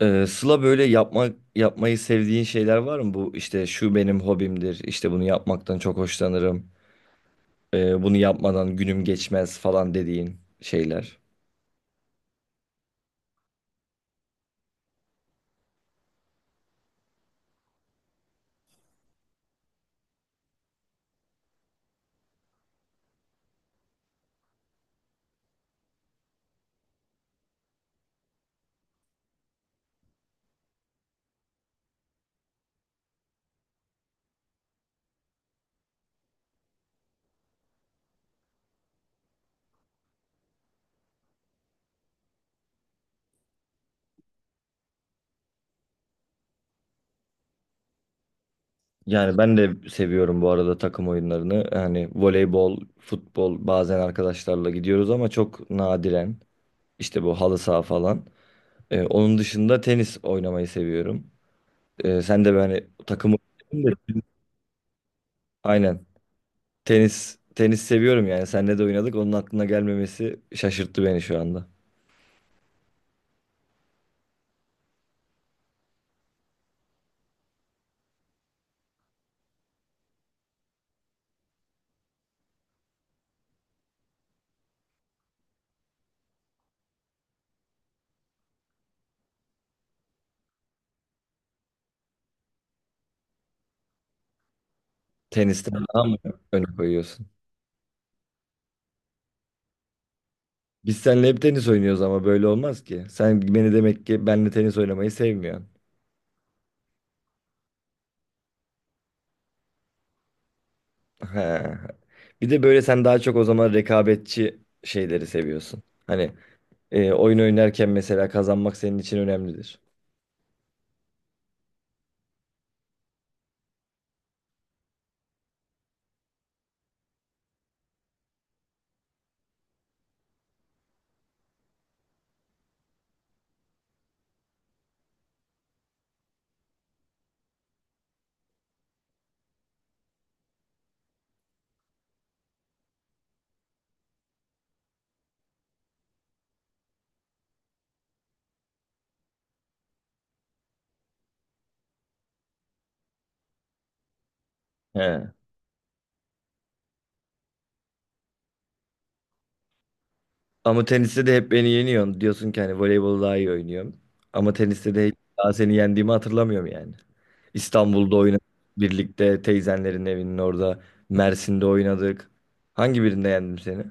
Sıla böyle yapmayı sevdiğin şeyler var mı? Bu işte şu benim hobimdir, işte bunu yapmaktan çok hoşlanırım, bunu yapmadan günüm geçmez falan dediğin şeyler. Yani ben de seviyorum bu arada takım oyunlarını. Yani voleybol, futbol bazen arkadaşlarla gidiyoruz ama çok nadiren. İşte bu halı saha falan. Onun dışında tenis oynamayı seviyorum. Sen de böyle hani takım oyunu- Aynen. Tenis seviyorum yani. Seninle de oynadık. Onun aklına gelmemesi şaşırttı beni şu anda. Tenisten daha mı öne koyuyorsun? Biz seninle hep tenis oynuyoruz ama böyle olmaz ki. Sen beni demek ki benle tenis oynamayı sevmiyorsun. He. Bir de böyle sen daha çok o zaman rekabetçi şeyleri seviyorsun. Hani oyun oynarken mesela kazanmak senin için önemlidir. He. Ama teniste de hep beni yeniyorsun. Diyorsun ki hani voleybolu daha iyi oynuyorum. Ama teniste de hiç daha seni yendiğimi hatırlamıyorum yani. İstanbul'da oynadık. Birlikte teyzenlerin evinin orada. Mersin'de oynadık. Hangi birinde yendim seni?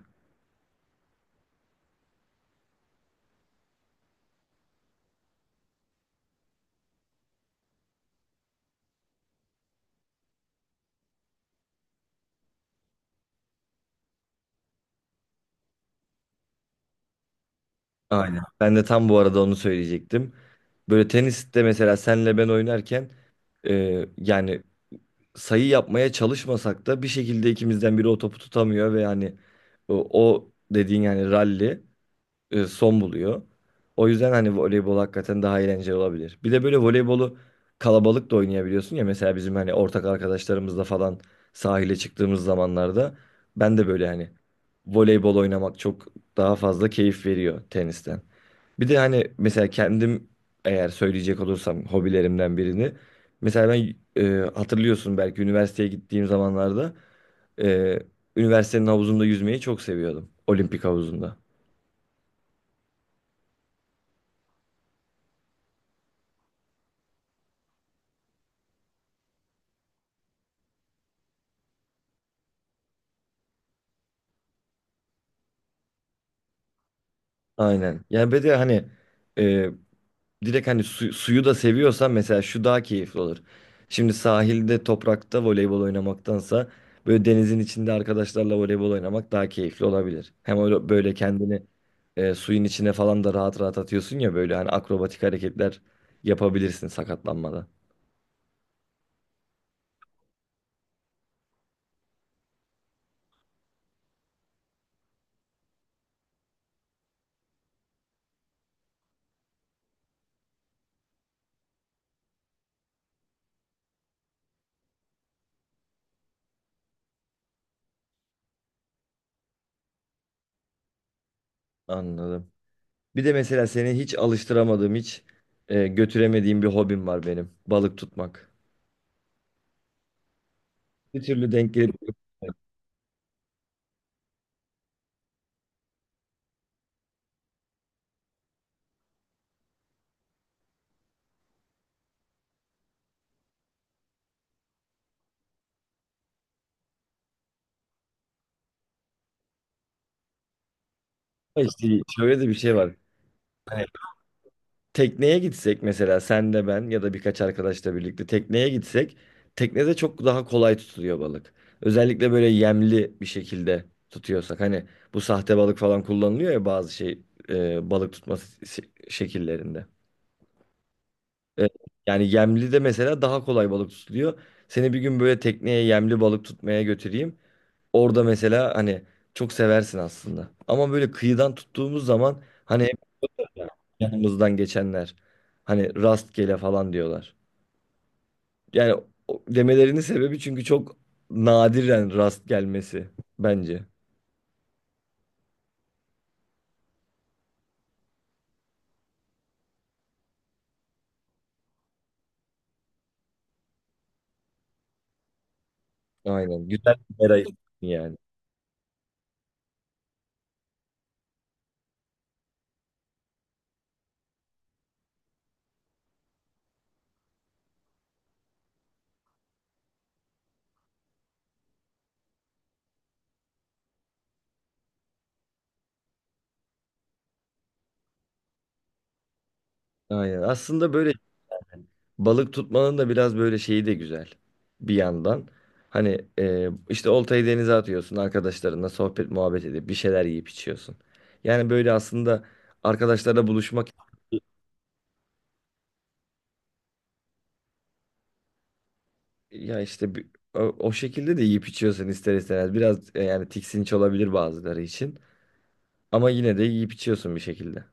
Aynen. Ben de tam bu arada onu söyleyecektim. Böyle teniste mesela senle ben oynarken yani sayı yapmaya çalışmasak da bir şekilde ikimizden biri o topu tutamıyor ve yani o dediğin yani ralli son buluyor. O yüzden hani voleybol hakikaten daha eğlenceli olabilir. Bir de böyle voleybolu kalabalık da oynayabiliyorsun ya mesela bizim hani ortak arkadaşlarımızla falan sahile çıktığımız zamanlarda ben de böyle hani voleybol oynamak çok daha fazla keyif veriyor tenisten. Bir de hani mesela kendim eğer söyleyecek olursam hobilerimden birini mesela ben hatırlıyorsun belki üniversiteye gittiğim zamanlarda e, üniversitenin havuzunda yüzmeyi çok seviyordum. Olimpik havuzunda. Aynen. Yani bir de hani e, direkt hani suyu da seviyorsan mesela şu daha keyifli olur. Şimdi sahilde toprakta voleybol oynamaktansa böyle denizin içinde arkadaşlarla voleybol oynamak daha keyifli olabilir. Hem öyle böyle kendini suyun içine falan da rahat rahat atıyorsun ya böyle hani akrobatik hareketler yapabilirsin sakatlanmadan. Anladım. Bir de mesela seni hiç alıştıramadığım, hiç götüremediğim bir hobim var benim. Balık tutmak. Bir türlü denk gelip işte şöyle de bir şey var. Hani tekneye gitsek mesela sen de ben ya da birkaç arkadaşla birlikte tekneye gitsek teknede çok daha kolay tutuluyor balık. Özellikle böyle yemli bir şekilde tutuyorsak hani bu sahte balık falan kullanılıyor ya bazı şey balık tutma şekillerinde. E, Yani yemli de mesela daha kolay balık tutuluyor. Seni bir gün böyle tekneye yemli balık tutmaya götüreyim. Orada mesela hani çok seversin aslında. Ama böyle kıyıdan tuttuğumuz zaman hani hep yanımızdan geçenler hani rastgele falan diyorlar. Yani demelerinin sebebi çünkü çok nadiren rast gelmesi bence. Aynen. Güzel bir mera yani. Aynen. Aslında böyle balık tutmanın da biraz böyle şeyi de güzel bir yandan. Hani işte oltayı denize atıyorsun arkadaşlarınla sohbet muhabbet edip bir şeyler yiyip içiyorsun. Yani böyle aslında arkadaşlarla buluşmak ya işte o şekilde de yiyip içiyorsun ister istemez. Biraz yani tiksinç olabilir bazıları için ama yine de yiyip içiyorsun bir şekilde.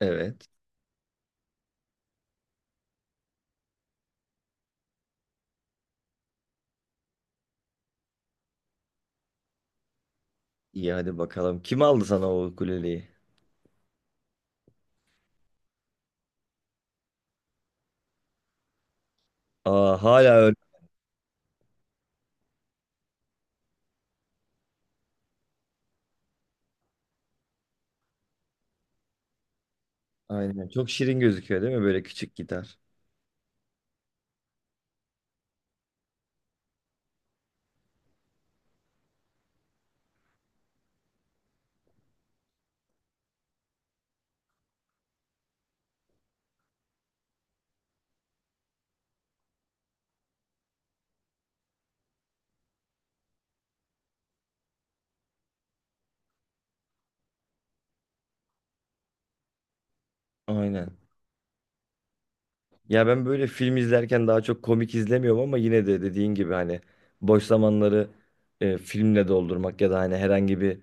Evet. İyi hadi bakalım. Kim aldı sana o ukuleleyi? Aa hala öyle. Aynen. Çok şirin gözüküyor değil mi böyle küçük gitar? Aynen. Ya ben böyle film izlerken daha çok komik izlemiyorum ama yine de dediğin gibi hani boş zamanları filmle doldurmak ya da hani herhangi bir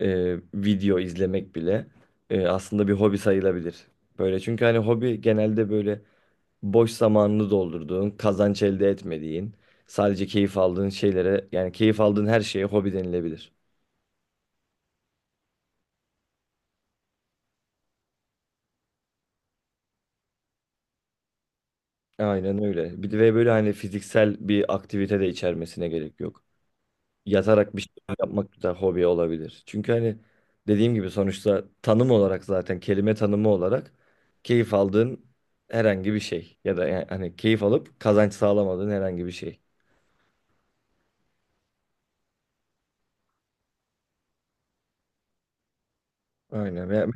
video izlemek bile aslında bir hobi sayılabilir. Böyle çünkü hani hobi genelde böyle boş zamanını doldurduğun, kazanç elde etmediğin, sadece keyif aldığın şeylere yani keyif aldığın her şeye hobi denilebilir. Aynen öyle. Bir de ve böyle hani fiziksel bir aktivite de içermesine gerek yok. Yatarak bir şey yapmak da hobi olabilir. Çünkü hani dediğim gibi sonuçta tanım olarak zaten kelime tanımı olarak keyif aldığın herhangi bir şey ya da yani hani keyif alıp kazanç sağlamadığın herhangi bir şey. Aynen.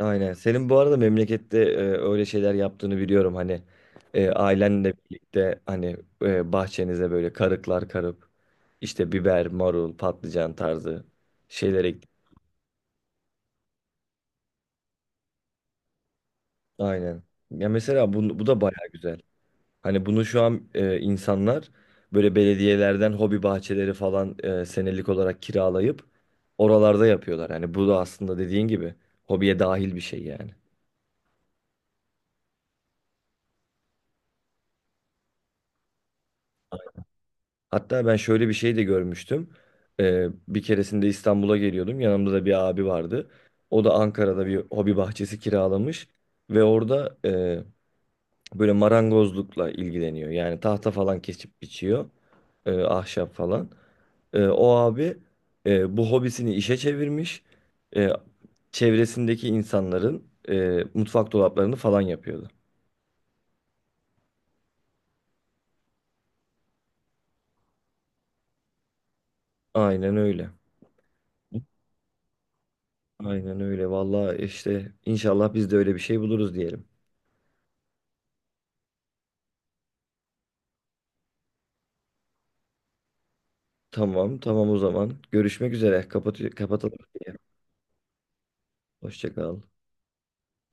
Aynen. Senin bu arada memlekette öyle şeyler yaptığını biliyorum. Hani ailenle birlikte hani bahçenize böyle karıklar karıp işte biber, marul, patlıcan tarzı şeyler ek. Aynen. Ya mesela bu, bu da baya güzel. Hani bunu şu an insanlar böyle belediyelerden hobi bahçeleri falan senelik olarak kiralayıp oralarda yapıyorlar. Hani bu da aslında dediğin gibi hobiye dahil bir şey yani. Hatta ben şöyle bir şey de görmüştüm. Bir keresinde İstanbul'a geliyordum. Yanımda da bir abi vardı. O da Ankara'da bir hobi bahçesi kiralamış. Ve orada böyle marangozlukla ilgileniyor. Yani tahta falan kesip biçiyor. Ahşap falan. O abi bu hobisini işe çevirmiş. E, Çevresindeki insanların mutfak dolaplarını falan yapıyordu. Aynen öyle. Aynen öyle. Vallahi işte inşallah biz de öyle bir şey buluruz diyelim. Tamam, tamam o zaman. Görüşmek üzere. Kapatalım. Hoşça kal.